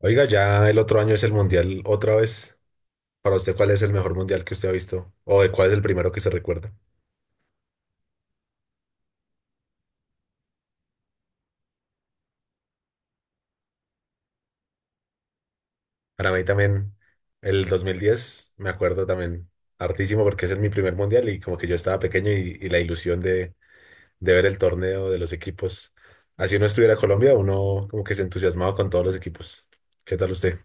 Oiga, ya el otro año es el mundial otra vez. Para usted, ¿cuál es el mejor mundial que usted ha visto? ¿O de cuál es el primero que se recuerda? Para mí también, el 2010, me acuerdo también hartísimo porque es el mi primer mundial y como que yo estaba pequeño y la ilusión de ver el torneo de los equipos. Así no estuviera Colombia, uno como que se entusiasmaba con todos los equipos. ¿Qué tal usted?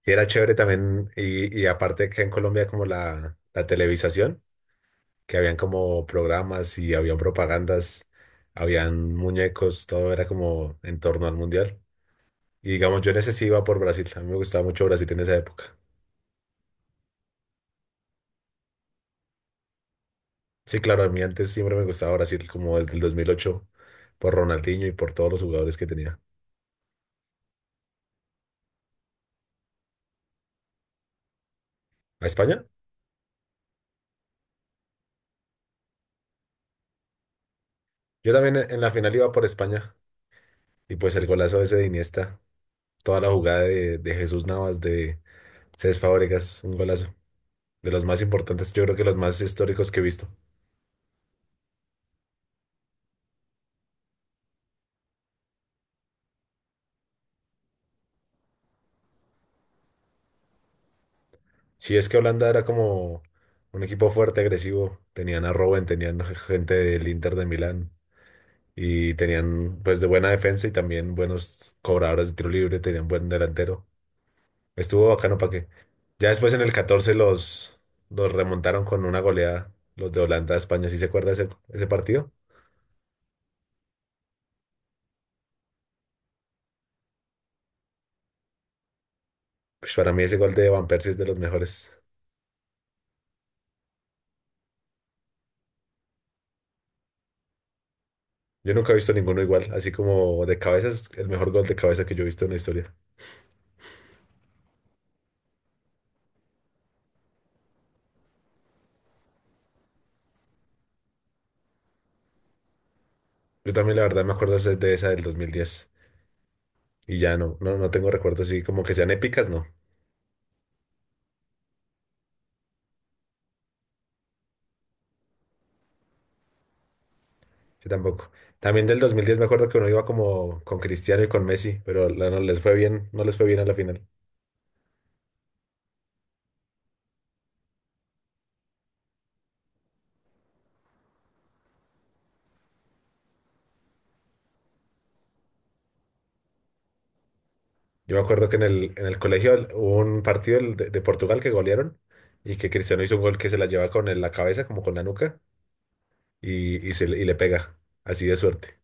Sí, era chévere también y aparte que en Colombia como la televisación. Que habían como programas y habían propagandas, habían muñecos, todo era como en torno al mundial. Y digamos, yo en ese sí iba por Brasil, a mí me gustaba mucho Brasil en esa época. Sí, claro, a mí antes siempre me gustaba Brasil como desde el 2008 por Ronaldinho y por todos los jugadores que tenía. ¿A España? Yo también en la final iba por España y pues el golazo ese de Iniesta, toda la jugada de Jesús Navas, de Cés Fábregas, un golazo. De los más importantes, yo creo que los más históricos que he visto. Sí, es que Holanda era como un equipo fuerte, agresivo. Tenían a Robben, tenían gente del Inter de Milán y tenían pues de buena defensa y también buenos cobradores de tiro libre, tenían buen delantero. Estuvo bacano para qué. Ya después en el 14 los remontaron con una goleada, los de Holanda a España. ¿Sí se acuerda ese partido? Pues para mí ese gol de Van Persie es de los mejores. Yo nunca he visto ninguno igual, así como de cabeza es el mejor gol de cabeza que yo he visto en la historia. Yo también la verdad me acuerdo es de esa del 2010. Y ya no tengo recuerdos así como que sean épicas, no. Yo tampoco. También del 2010 me acuerdo que uno iba como con Cristiano y con Messi, pero no les fue bien, no les fue bien a la final. Yo me acuerdo que en el colegio hubo un partido el de Portugal que golearon y que Cristiano hizo un gol que se la lleva con la cabeza, como con la nuca, y le pega, así de suerte.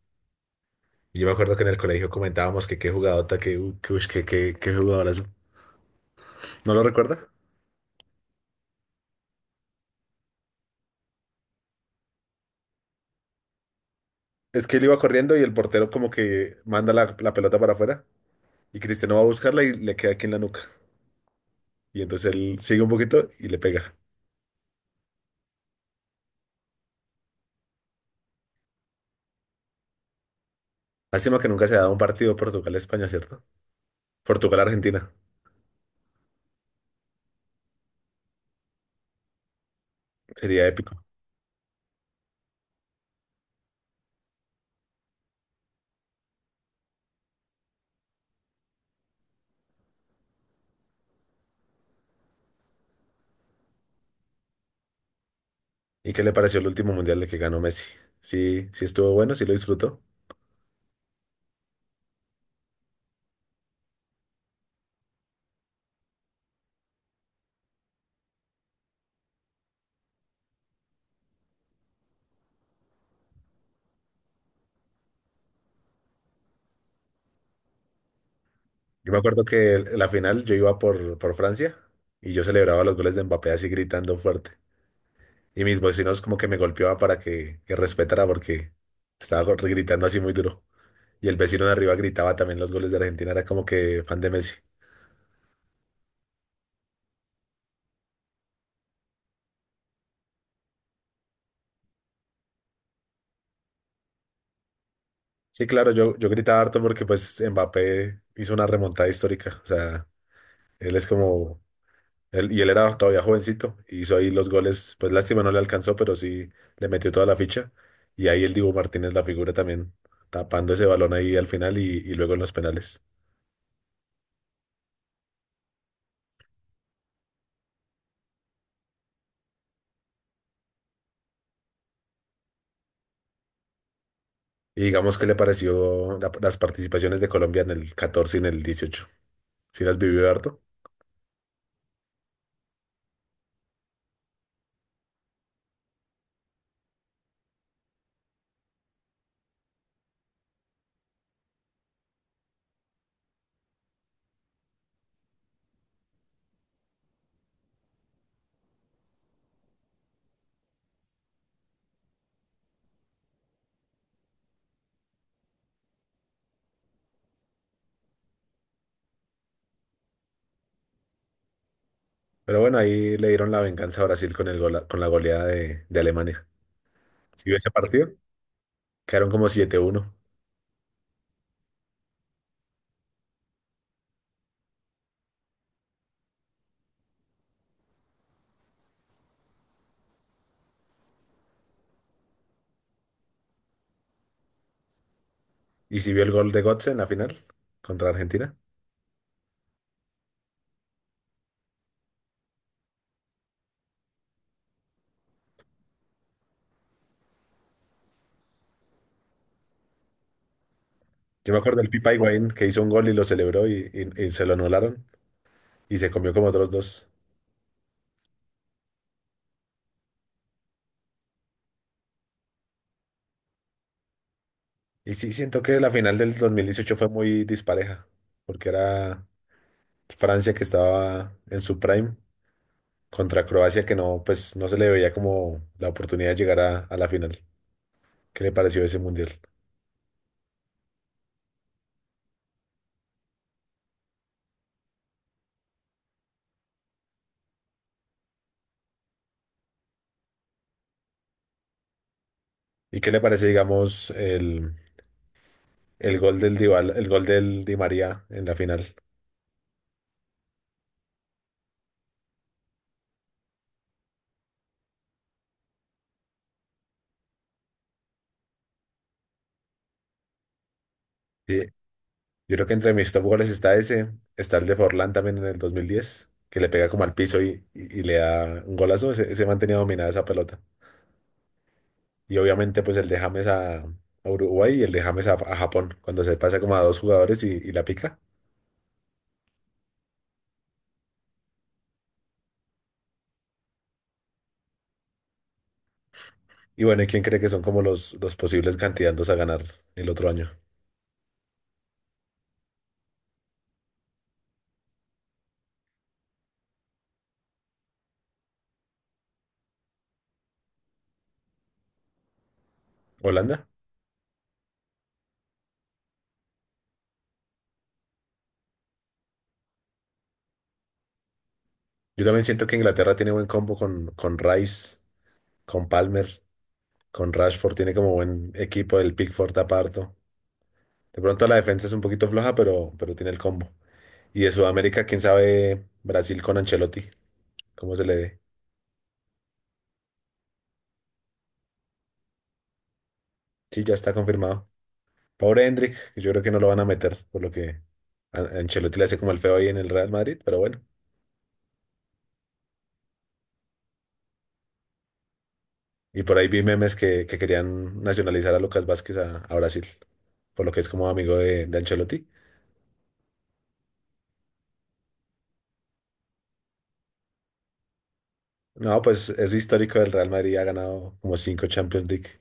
Yo me acuerdo que en el colegio comentábamos que qué jugadota, que, u- que, ush, que, qué jugadorazo. ¿No lo recuerda? Es que él iba corriendo y el portero como que manda la pelota para afuera. Y Cristiano va a buscarla y le queda aquí en la nuca. Y entonces él sigue un poquito y le pega. Lástima que nunca se ha dado un partido Portugal-España, ¿cierto? Portugal-Argentina. Sería épico. ¿Y qué le pareció el último mundial de que ganó Messi? Sí, sí estuvo bueno, sí lo disfrutó. Yo me acuerdo que la final yo iba por Francia y yo celebraba los goles de Mbappé así gritando fuerte. Y mis vecinos como que me golpeaban para que respetara porque estaba gritando así muy duro. Y el vecino de arriba gritaba también los goles de Argentina, era como que fan de Messi. Sí, claro, yo gritaba harto porque pues Mbappé hizo una remontada histórica. O sea, él es como, y él era todavía jovencito, y hizo ahí los goles, pues lástima no le alcanzó, pero sí le metió toda la ficha. Y ahí el Dibu Martínez, la figura también, tapando ese balón ahí al final y luego en los penales. Y digamos, ¿qué le pareció las participaciones de Colombia en el 14 y en el 18? Sí las vivió harto. Pero bueno, ahí le dieron la venganza a Brasil con el con la goleada de Alemania. ¿Sí vio ese partido? Quedaron como 7-1. ¿Y si vio el gol de Götze en la final contra Argentina? Yo me acuerdo del Pipa Higuaín que hizo un gol y lo celebró y se lo anularon y se comió como otros dos. Y sí, siento que la final del 2018 fue muy dispareja, porque era Francia que estaba en su prime contra Croacia que no, pues no se le veía como la oportunidad de llegar a la final. ¿Qué le pareció ese mundial? ¿Y qué le parece, digamos, el el gol del Di María en la final? Sí, yo creo que entre mis top goles está ese, está el de Forlán también en el 2010, que le pega como al piso y le da un golazo, ese man tenía dominada esa pelota. Y obviamente pues el de James a Uruguay y el de James a Japón, cuando se pasa como a dos jugadores y la pica. Y bueno, ¿y quién cree que son como los posibles candidatos a ganar el otro año? ¿Holanda? Yo también siento que Inglaterra tiene buen combo con Rice, con Palmer, con Rashford, tiene como buen equipo, el Pickford aparto. De pronto la defensa es un poquito floja, pero tiene el combo. Y de Sudamérica, quién sabe, Brasil con Ancelotti, cómo se le dé. Sí, ya está confirmado. Pobre Hendrik, yo creo que no lo van a meter, por lo que Ancelotti le hace como el feo ahí en el Real Madrid, pero bueno. Y por ahí vi memes que querían nacionalizar a Lucas Vázquez a Brasil, por lo que es como amigo de Ancelotti. No, pues es histórico del Real Madrid, ha ganado como cinco Champions League,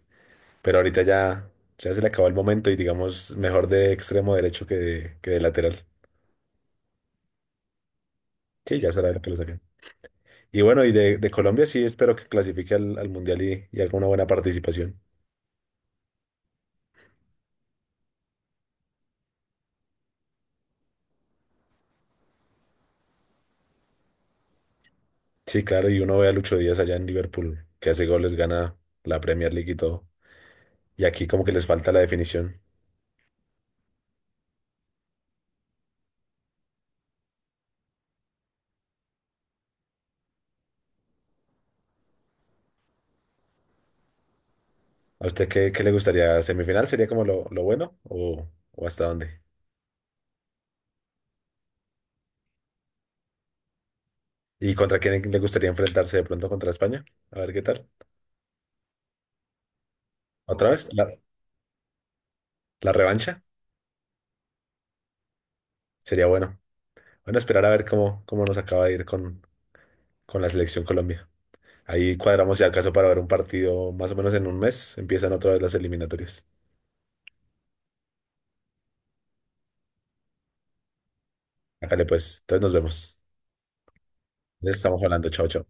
pero ahorita ya, ya se le acabó el momento y digamos mejor de extremo derecho que de lateral. Sí, ya será lo que lo saquen. Y bueno, y de Colombia sí espero que clasifique al Mundial y haga una buena participación. Sí, claro, y uno ve a Lucho Díaz allá en Liverpool, que hace goles, gana la Premier League y todo. Y aquí como que les falta la definición. ¿A usted qué le gustaría? ¿Semifinal sería como lo bueno o hasta dónde? ¿Y contra quién le gustaría enfrentarse de pronto contra España? A ver qué tal. ¿Otra vez? ¿La revancha? Sería bueno. Bueno, esperar a ver cómo nos acaba de ir con la selección Colombia. Ahí cuadramos ya el caso para ver un partido más o menos en un mes. Empiezan otra vez las eliminatorias. Acá pues. Entonces nos vemos. Les estamos hablando. Chao, chao.